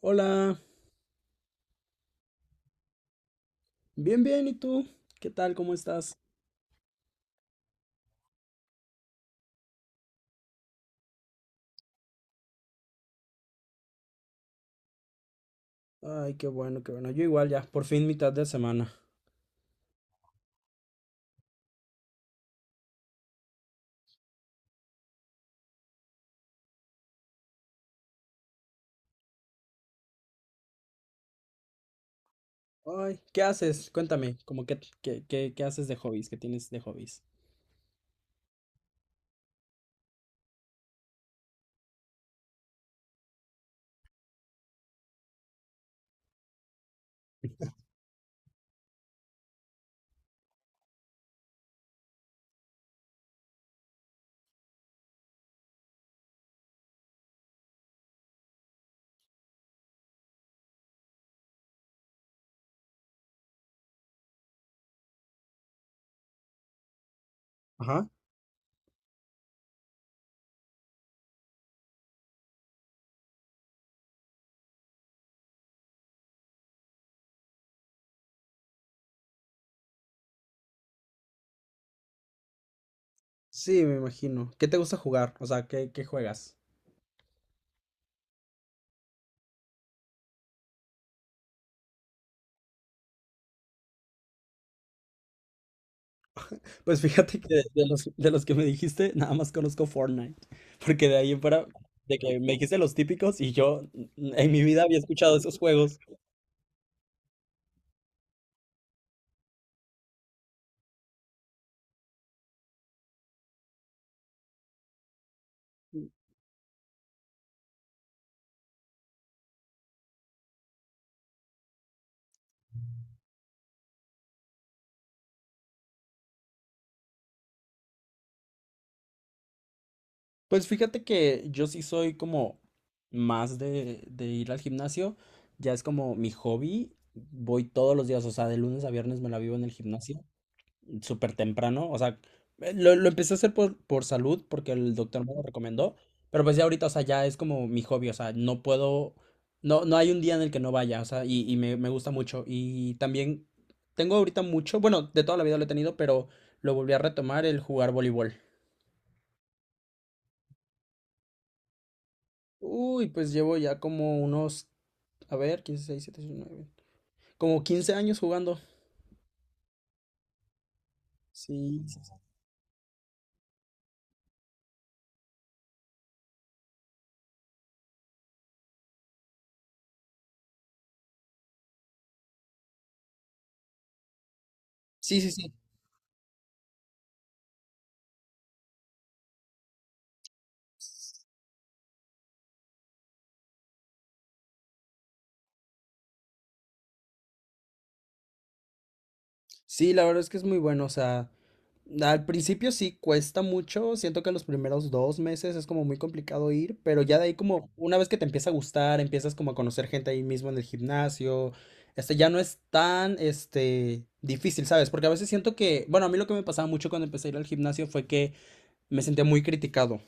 Hola, bien, bien, ¿y tú? ¿Qué tal? ¿Cómo estás? Ay, qué bueno, qué bueno. Yo igual ya, por fin mitad de semana. Ay, ¿qué haces? Cuéntame, como qué, qué, qué, qué haces de hobbies? ¿Qué tienes de hobbies? Ajá. Sí, me imagino. ¿Qué te gusta jugar? O sea, ¿qué, qué juegas? Pues fíjate que de los que me dijiste, nada más conozco Fortnite. Porque de ahí en fuera, de que me dijiste los típicos y en mi vida había escuchado esos juegos. Pues fíjate que yo sí soy como más de ir al gimnasio, ya es como mi hobby, voy todos los días, o sea, de lunes a viernes me la vivo en el gimnasio, súper temprano, o sea, lo empecé a hacer por salud porque el doctor me lo recomendó, pero pues ya ahorita, o sea, ya es como mi hobby, o sea, no puedo, no, no hay un día en el que no vaya, o sea, y me gusta mucho, y también tengo ahorita mucho, bueno, de toda la vida lo he tenido, pero lo volví a retomar el jugar voleibol. Uy, pues llevo ya como unos. A ver, quince, seis, siete, 8, 9. Como 15 años jugando. Sí, sí, sí, sí. Sí, la verdad es que es muy bueno. O sea, al principio sí cuesta mucho. Siento que los primeros dos meses es como muy complicado ir, pero ya de ahí como una vez que te empieza a gustar, empiezas como a conocer gente ahí mismo en el gimnasio. Este ya no es tan, este, difícil, ¿sabes? Porque a veces siento que, bueno, a mí lo que me pasaba mucho cuando empecé a ir al gimnasio fue que me sentía muy criticado.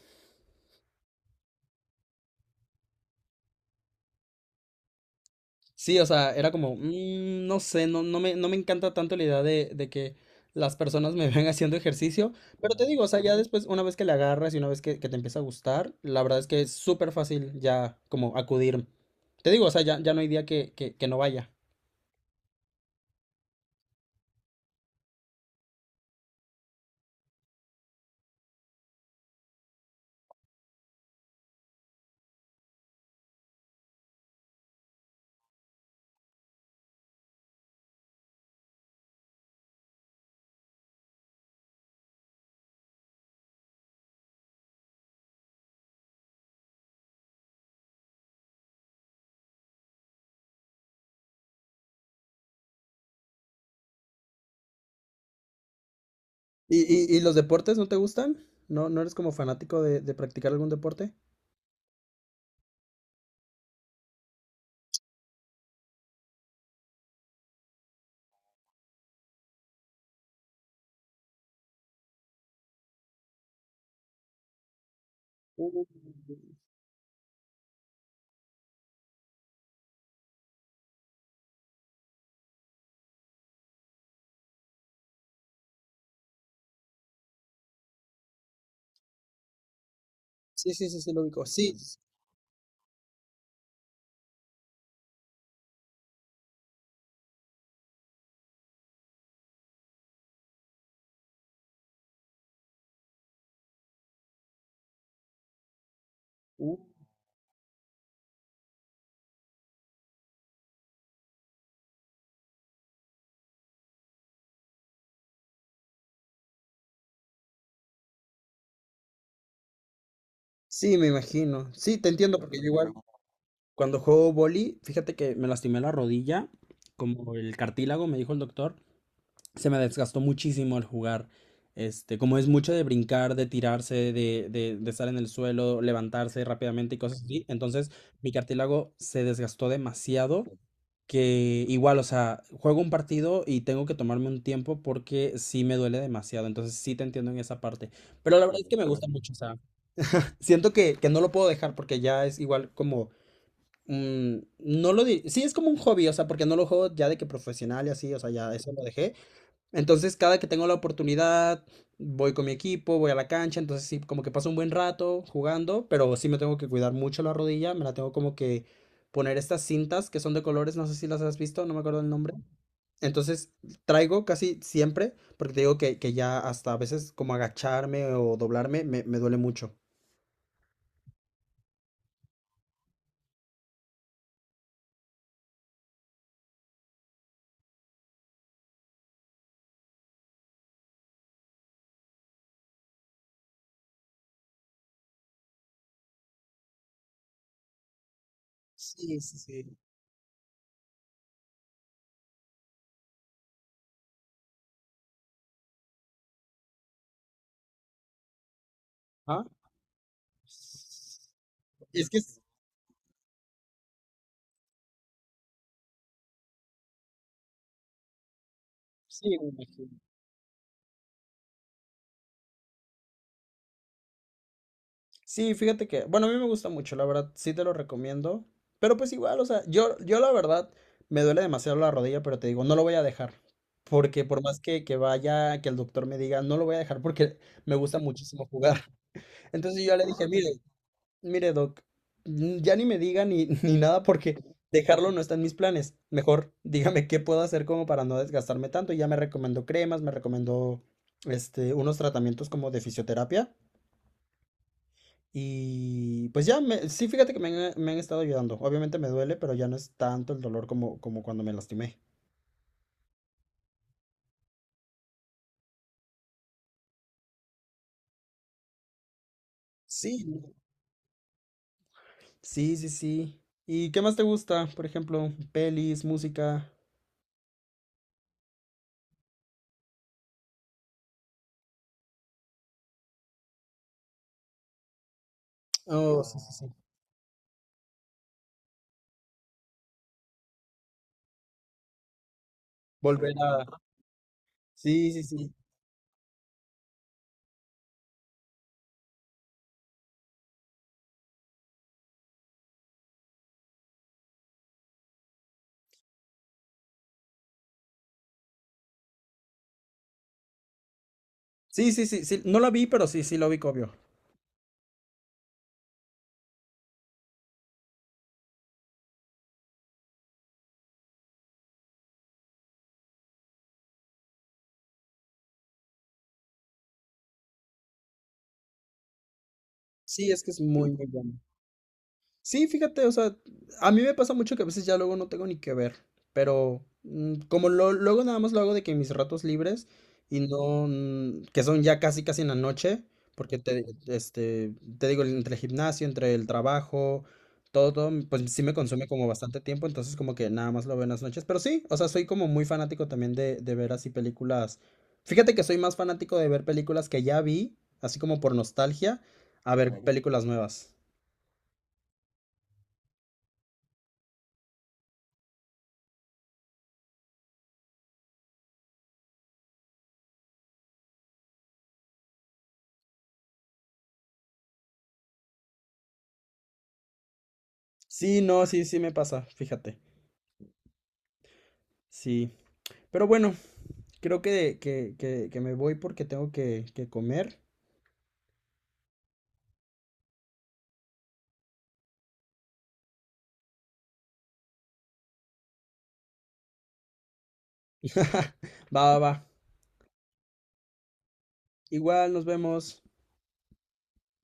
Sí, o sea, era como, "Mm, no sé, no me encanta tanto la idea de que las personas me vean haciendo ejercicio, pero te digo, o sea, ya después, una vez que le agarras y una vez que te empieza a gustar, la verdad es que es súper fácil ya como acudir. Te digo, o sea, ya, ya no hay día que no vaya. ¿Y, y los deportes no te gustan? ¿No, no eres como fanático de practicar algún deporte? Uh, sí, sí, sí, sí, lo ubico. Uh, sí, me imagino. Sí, te entiendo, porque yo igual, cuando juego boli, fíjate que me lastimé la rodilla, como el cartílago, me dijo el doctor, se me desgastó muchísimo al jugar. Este, como es mucho de brincar, de tirarse, de estar en el suelo, levantarse rápidamente y cosas así, entonces mi cartílago se desgastó demasiado que igual, o sea, juego un partido y tengo que tomarme un tiempo porque sí me duele demasiado, entonces sí te entiendo en esa parte, pero la verdad es que me gusta mucho, o sea, siento que no lo puedo dejar porque ya es igual como mm, no lo di- sí, es como un hobby, o sea, porque no lo juego ya de que profesional y así, o sea, ya eso lo dejé. Entonces, cada que tengo la oportunidad, voy con mi equipo, voy a la cancha, entonces sí, como que paso un buen rato jugando, pero sí me tengo que cuidar mucho la rodilla, me la tengo como que poner estas cintas que son de colores, no sé si las has visto, no me acuerdo el nombre. Entonces, traigo casi siempre, porque te digo que ya hasta a veces como agacharme o doblarme me, me duele mucho. Sí, sí, sí. Ah, Es que es- sí, me imagino. Sí, fíjate que, bueno, a mí me gusta mucho, la verdad, sí te lo recomiendo, pero pues igual, o sea, yo la verdad me duele demasiado la rodilla, pero te digo, no lo voy a dejar, porque por más que vaya, que el doctor me diga, no lo voy a dejar porque me gusta muchísimo jugar. Entonces yo ya le dije, mire, mire, Doc, mm, ya ni me diga ni, ni nada porque dejarlo no está en mis planes. Mejor dígame qué puedo hacer como para no desgastarme tanto. Y ya me recomendó cremas, me recomendó este, unos tratamientos como de fisioterapia. Y pues ya, me, sí, fíjate que me han estado ayudando. Obviamente me duele, pero ya no es tanto el dolor como, como cuando me lastimé. Sí, sí, sí, sí. ¿Y qué más te gusta? Por ejemplo, pelis, música. Oh, sí, sí, sí. Volver a... Sí, sí, sí. Sí, sí, sí, sí, no la vi, pero sí, sí lo vi, obvio. Sí, es que es muy, muy bueno. Sí, fíjate, o sea, a mí me pasa mucho que a veces ya luego no tengo ni que ver, pero mm, como luego nada más lo hago de que en mis ratos libres y no, mm, que son ya casi casi en la noche, porque te, este, te digo, entre el gimnasio, entre el trabajo, todo, todo, pues sí me consume como bastante tiempo, entonces como que nada más lo veo en las noches, pero sí, o sea, soy como muy fanático también de ver así películas. Fíjate que soy más fanático de ver películas que ya vi, así como por nostalgia, a ver. Claro. Películas nuevas. Sí, no, sí, sí me pasa, fíjate. Sí. Pero bueno, creo que me voy porque tengo que comer. Va, va, va. Igual nos vemos.